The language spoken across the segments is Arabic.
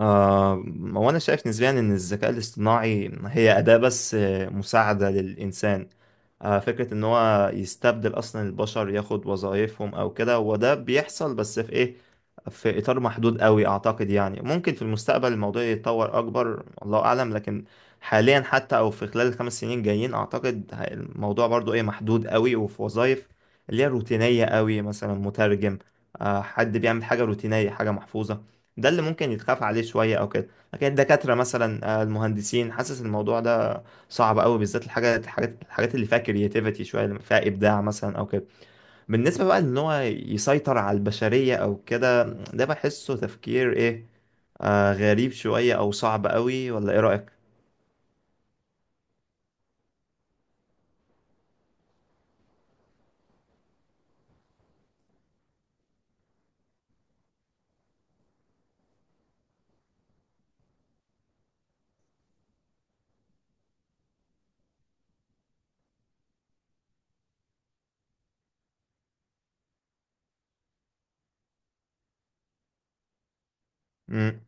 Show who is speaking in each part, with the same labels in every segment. Speaker 1: آه، وانا شايف نسبيا ان الذكاء الاصطناعي هي اداة بس مساعدة للانسان. فكرة ان هو يستبدل اصلا البشر ياخد وظائفهم او كده، وده بيحصل بس في ايه، في اطار محدود قوي اعتقد. يعني ممكن في المستقبل الموضوع يتطور اكبر، الله اعلم، لكن حاليا حتى او في خلال الخمس سنين جايين اعتقد الموضوع برضو ايه، محدود قوي، وفي وظائف اللي هي روتينية قوي، مثلا مترجم، حد بيعمل حاجة روتينية، حاجة محفوظة، ده اللي ممكن يتخاف عليه شوية أو كده. لكن الدكاترة مثلا المهندسين، حاسس الموضوع ده صعب أوي، بالذات الحاجات اللي فيها كرياتيفيتي شوية، اللي فيها إبداع مثلا أو كده. بالنسبة بقى إن هو يسيطر على البشرية أو كده، ده بحسه تفكير إيه، غريب شوية أو صعب أوي، ولا إيه رأيك؟ مم.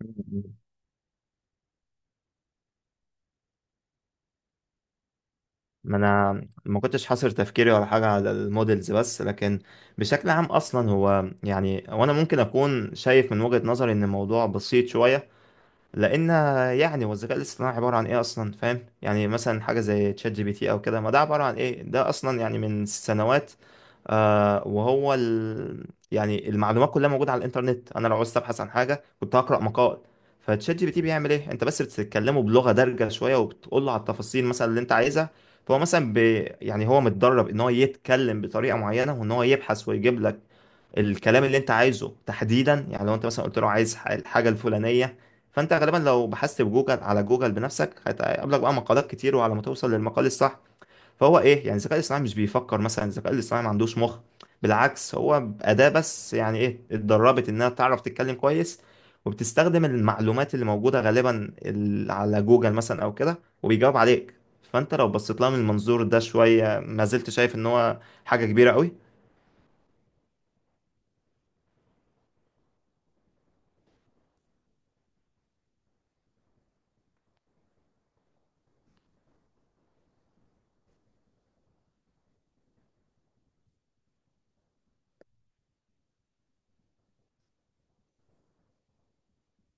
Speaker 1: مم. ما انا ما كنتش حاصر تفكيري ولا حاجه على المودلز بس، لكن بشكل عام اصلا هو يعني، وانا ممكن اكون شايف من وجهه نظري ان الموضوع بسيط شويه. لان يعني هو الذكاء الاصطناعي عباره عن ايه اصلا، فاهم؟ يعني مثلا حاجه زي تشات جي بي تي او كده، ما ده عباره عن ايه؟ ده اصلا يعني من سنوات، آه وهو ال... يعني المعلومات كلها موجوده على الانترنت. انا لو عاوز ابحث عن حاجه كنت هقرا مقال. فتشات جي بي تي بيعمل ايه؟ انت بس بتتكلمه بلغه دارجه شويه وبتقول له على التفاصيل مثلا اللي انت عايزها، فهو مثلا ب... يعني هو متدرب ان هو يتكلم بطريقه معينه، وان هو يبحث ويجيب لك الكلام اللي انت عايزه تحديدا. يعني لو انت مثلا قلت له عايز الحاجه الفلانيه، فانت غالبا لو بحثت بجوجل، على جوجل بنفسك، هيقابلك بقى مقالات كتير وعلى ما توصل للمقال الصح. فهو ايه، يعني الذكاء الاصطناعي مش بيفكر مثلا، الذكاء الاصطناعي ما عندوش مخ، بالعكس هو اداه بس، يعني ايه، اتدربت انها تعرف تتكلم كويس وبتستخدم المعلومات اللي موجوده غالبا على جوجل مثلا او كده، وبيجاوب عليك. فانت لو بصيت لها من المنظور ده شويه، ما زلت شايف ان هو حاجه كبيره قوي؟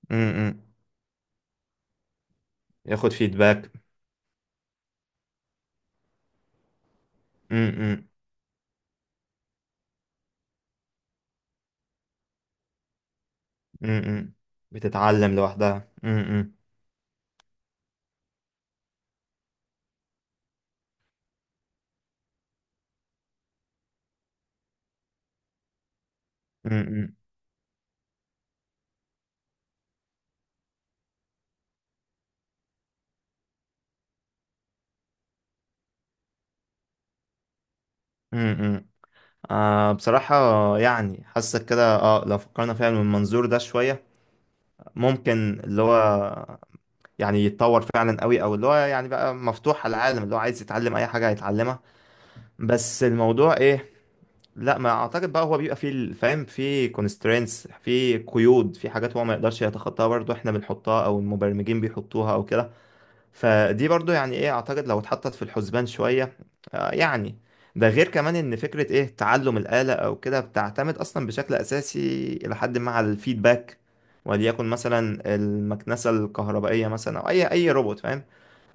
Speaker 1: م. م. ياخد فيدباك. امم. امم. بتتعلم لوحدها. امم. امم. امم. بصراحة، يعني حاسك كده، لو فكرنا فيها من المنظور ده شوية، ممكن اللي هو يعني يتطور فعلا قوي، او اللي هو يعني بقى مفتوح على العالم، اللي هو عايز يتعلم اي حاجة هيتعلمها. بس الموضوع ايه، لا ما اعتقد. بقى هو بيبقى فيه فاهم، فيه constraints، فيه قيود، في حاجات هو ما يقدرش يتخطاها برضه، احنا بنحطها او المبرمجين بيحطوها او كده. فدي برضو يعني ايه، اعتقد لو اتحطت في الحسبان شوية، يعني. ده غير كمان ان فكرة ايه، تعلم الآلة او كده، بتعتمد اصلا بشكل اساسي الى حد ما على الفيدباك. وليكن مثلا المكنسة الكهربائية مثلا او اي روبوت فاهم،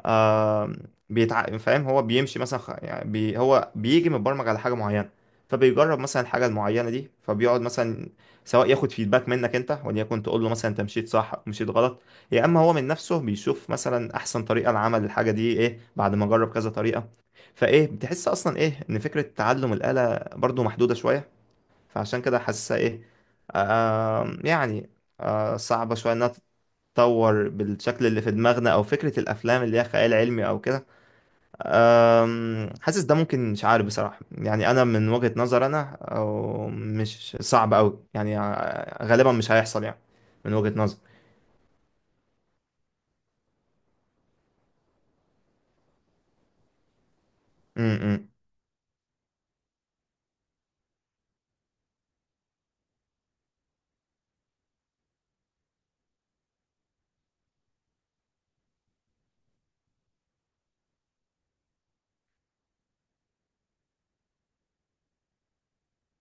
Speaker 1: آه فاهم، هو بيمشي مثلا يعني هو بيجي متبرمج على حاجه معينه، فبيجرب مثلا الحاجه المعينه دي، فبيقعد مثلا سواء ياخد فيدباك منك انت، وليكن تقول له مثلا انت مشيت صح او مشيت غلط، يا اما هو من نفسه بيشوف مثلا احسن طريقه لعمل الحاجه دي ايه بعد ما جرب كذا طريقه. فايه، بتحس اصلا ايه ان فكره تعلم الاله برضو محدوده شويه. فعشان كده حاسسها ايه، يعني، صعبه شويه انها تتطور بالشكل اللي في دماغنا، او فكره الافلام اللي هي خيال علمي او كده. حاسس ده ممكن، مش عارف بصراحه، يعني انا من وجهه نظر انا أو مش صعب قوي، يعني غالبا مش هيحصل يعني، من وجهه نظر. م. م.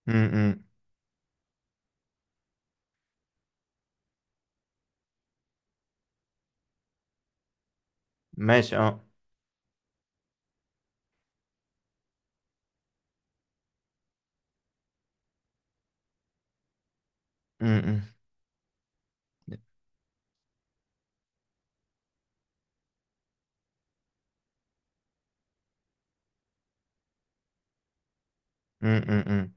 Speaker 1: م. م. ماشي، اه. م. م. م. م. م.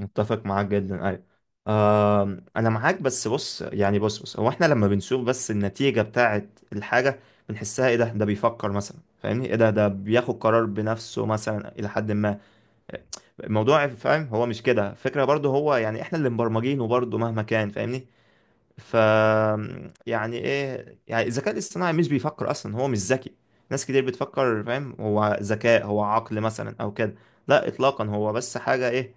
Speaker 1: متفق معاك جدا، ايوه. انا معاك بس بص، يعني بص بص، هو احنا لما بنشوف بس النتيجة بتاعت الحاجة بنحسها ايه، ده بيفكر مثلا فاهمني، ايه ده بياخد قرار بنفسه مثلا الى حد ما الموضوع، فاهم؟ هو مش كده فكرة برضه، هو يعني احنا اللي مبرمجينه برضه مهما كان فاهمني. ف يعني ايه، يعني الذكاء الاصطناعي مش بيفكر اصلا، هو مش ذكي. ناس كتير بتفكر فاهم هو ذكاء، هو عقل مثلا او كده، لا اطلاقا. هو بس حاجة ايه،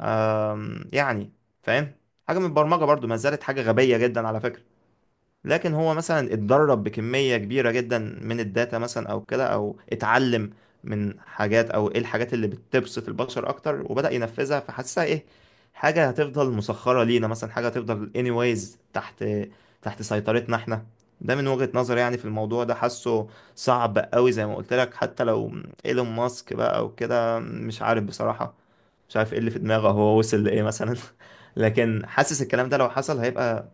Speaker 1: يعني، فاهم، حاجة من البرمجة برضو، ما زالت حاجة غبية جدا على فكرة. لكن هو مثلا اتدرب بكمية كبيرة جدا من الداتا مثلا او كده، او اتعلم من حاجات، او ايه الحاجات اللي بتبسط البشر اكتر وبدأ ينفذها. فحسها ايه، حاجة هتفضل مسخرة لينا مثلا، حاجة هتفضل anyways تحت سيطرتنا احنا. ده من وجهة نظري يعني في الموضوع ده. حاسه صعب قوي زي ما قلت لك، حتى لو ايلون ماسك بقى وكده، مش عارف بصراحة، مش عارف ايه اللي في دماغه، هو وصل لايه مثلا لكن حاسس الكلام ده لو حصل هيبقى،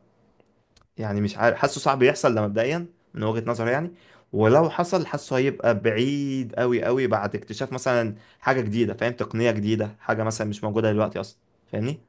Speaker 1: يعني مش عارف، حاسه صعب يحصل ده مبدئيا من وجهة نظري يعني. ولو حصل حاسه هيبقى بعيد قوي قوي، بعد اكتشاف مثلا حاجة جديدة فاهم، تقنية جديدة، حاجة مثلا مش موجودة دلوقتي اصلا فاهمني.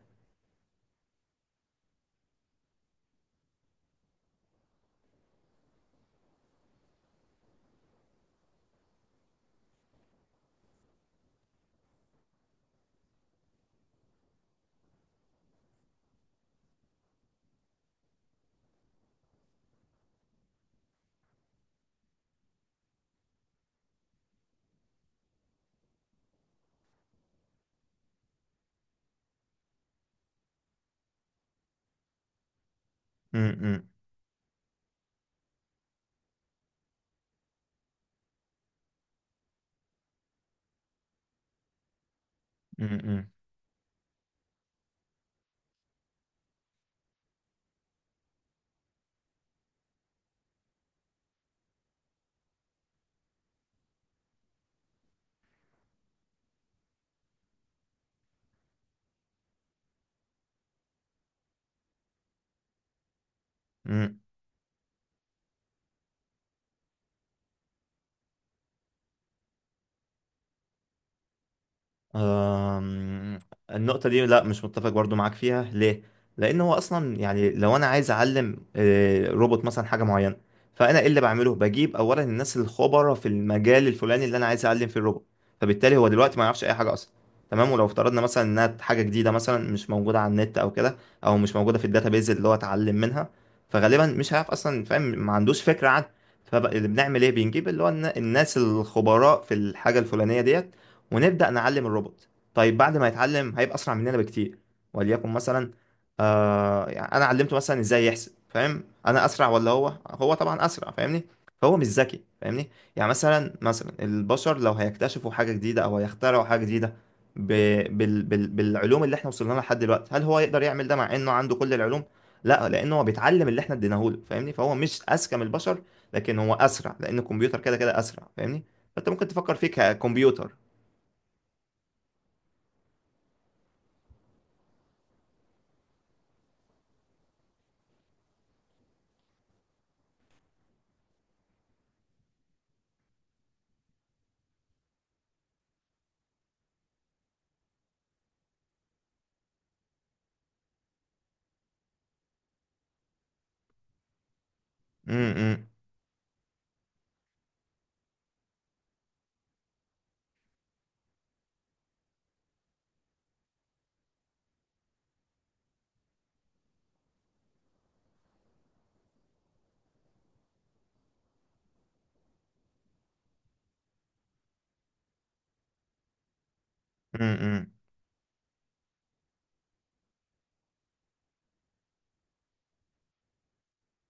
Speaker 1: امم. أم، النقطة دي لا، مش متفق برضو معاك فيها، ليه؟ لأن هو أصلا يعني، لو أنا عايز أعلم روبوت مثلا حاجة معينة، فأنا إيه اللي بعمله؟ بجيب أولا الناس الخبرة في المجال الفلاني اللي أنا عايز أعلم فيه الروبوت. فبالتالي هو دلوقتي ما يعرفش أي حاجة أصلا، تمام؟ ولو افترضنا مثلا إنها حاجة جديدة مثلا مش موجودة على النت أو كده، أو مش موجودة في الداتابيز اللي هو اتعلم منها، فغالبا مش هيعرف أصلا فاهم، ما عندوش فكرة عنها. فاللي بنعمل إيه؟ بنجيب اللي هو الناس الخبراء في الحاجة الفلانية ديت ونبدأ نعلم الروبوت. طيب بعد ما يتعلم هيبقى أسرع مننا بكتير. وليكن مثلا، يعني أنا علمته مثلا إزاي يحسب فاهم، أنا أسرع ولا هو؟ هو طبعا أسرع فاهمني. فهو مش ذكي فاهمني. يعني مثلا البشر لو هيكتشفوا حاجة جديدة أو هيخترعوا حاجة جديدة ب... بالعلوم اللي احنا وصلنا لها لحد دلوقتي، هل هو يقدر يعمل ده مع انه عنده كل العلوم؟ لا، لانه هو بيتعلم اللي احنا اديناهوله فاهمني، فهو مش اذكى من البشر، لكن هو اسرع لان الكمبيوتر كده كده اسرع فاهمني. فانت ممكن تفكر فيه ككمبيوتر. امم. امم. أمم. أمم.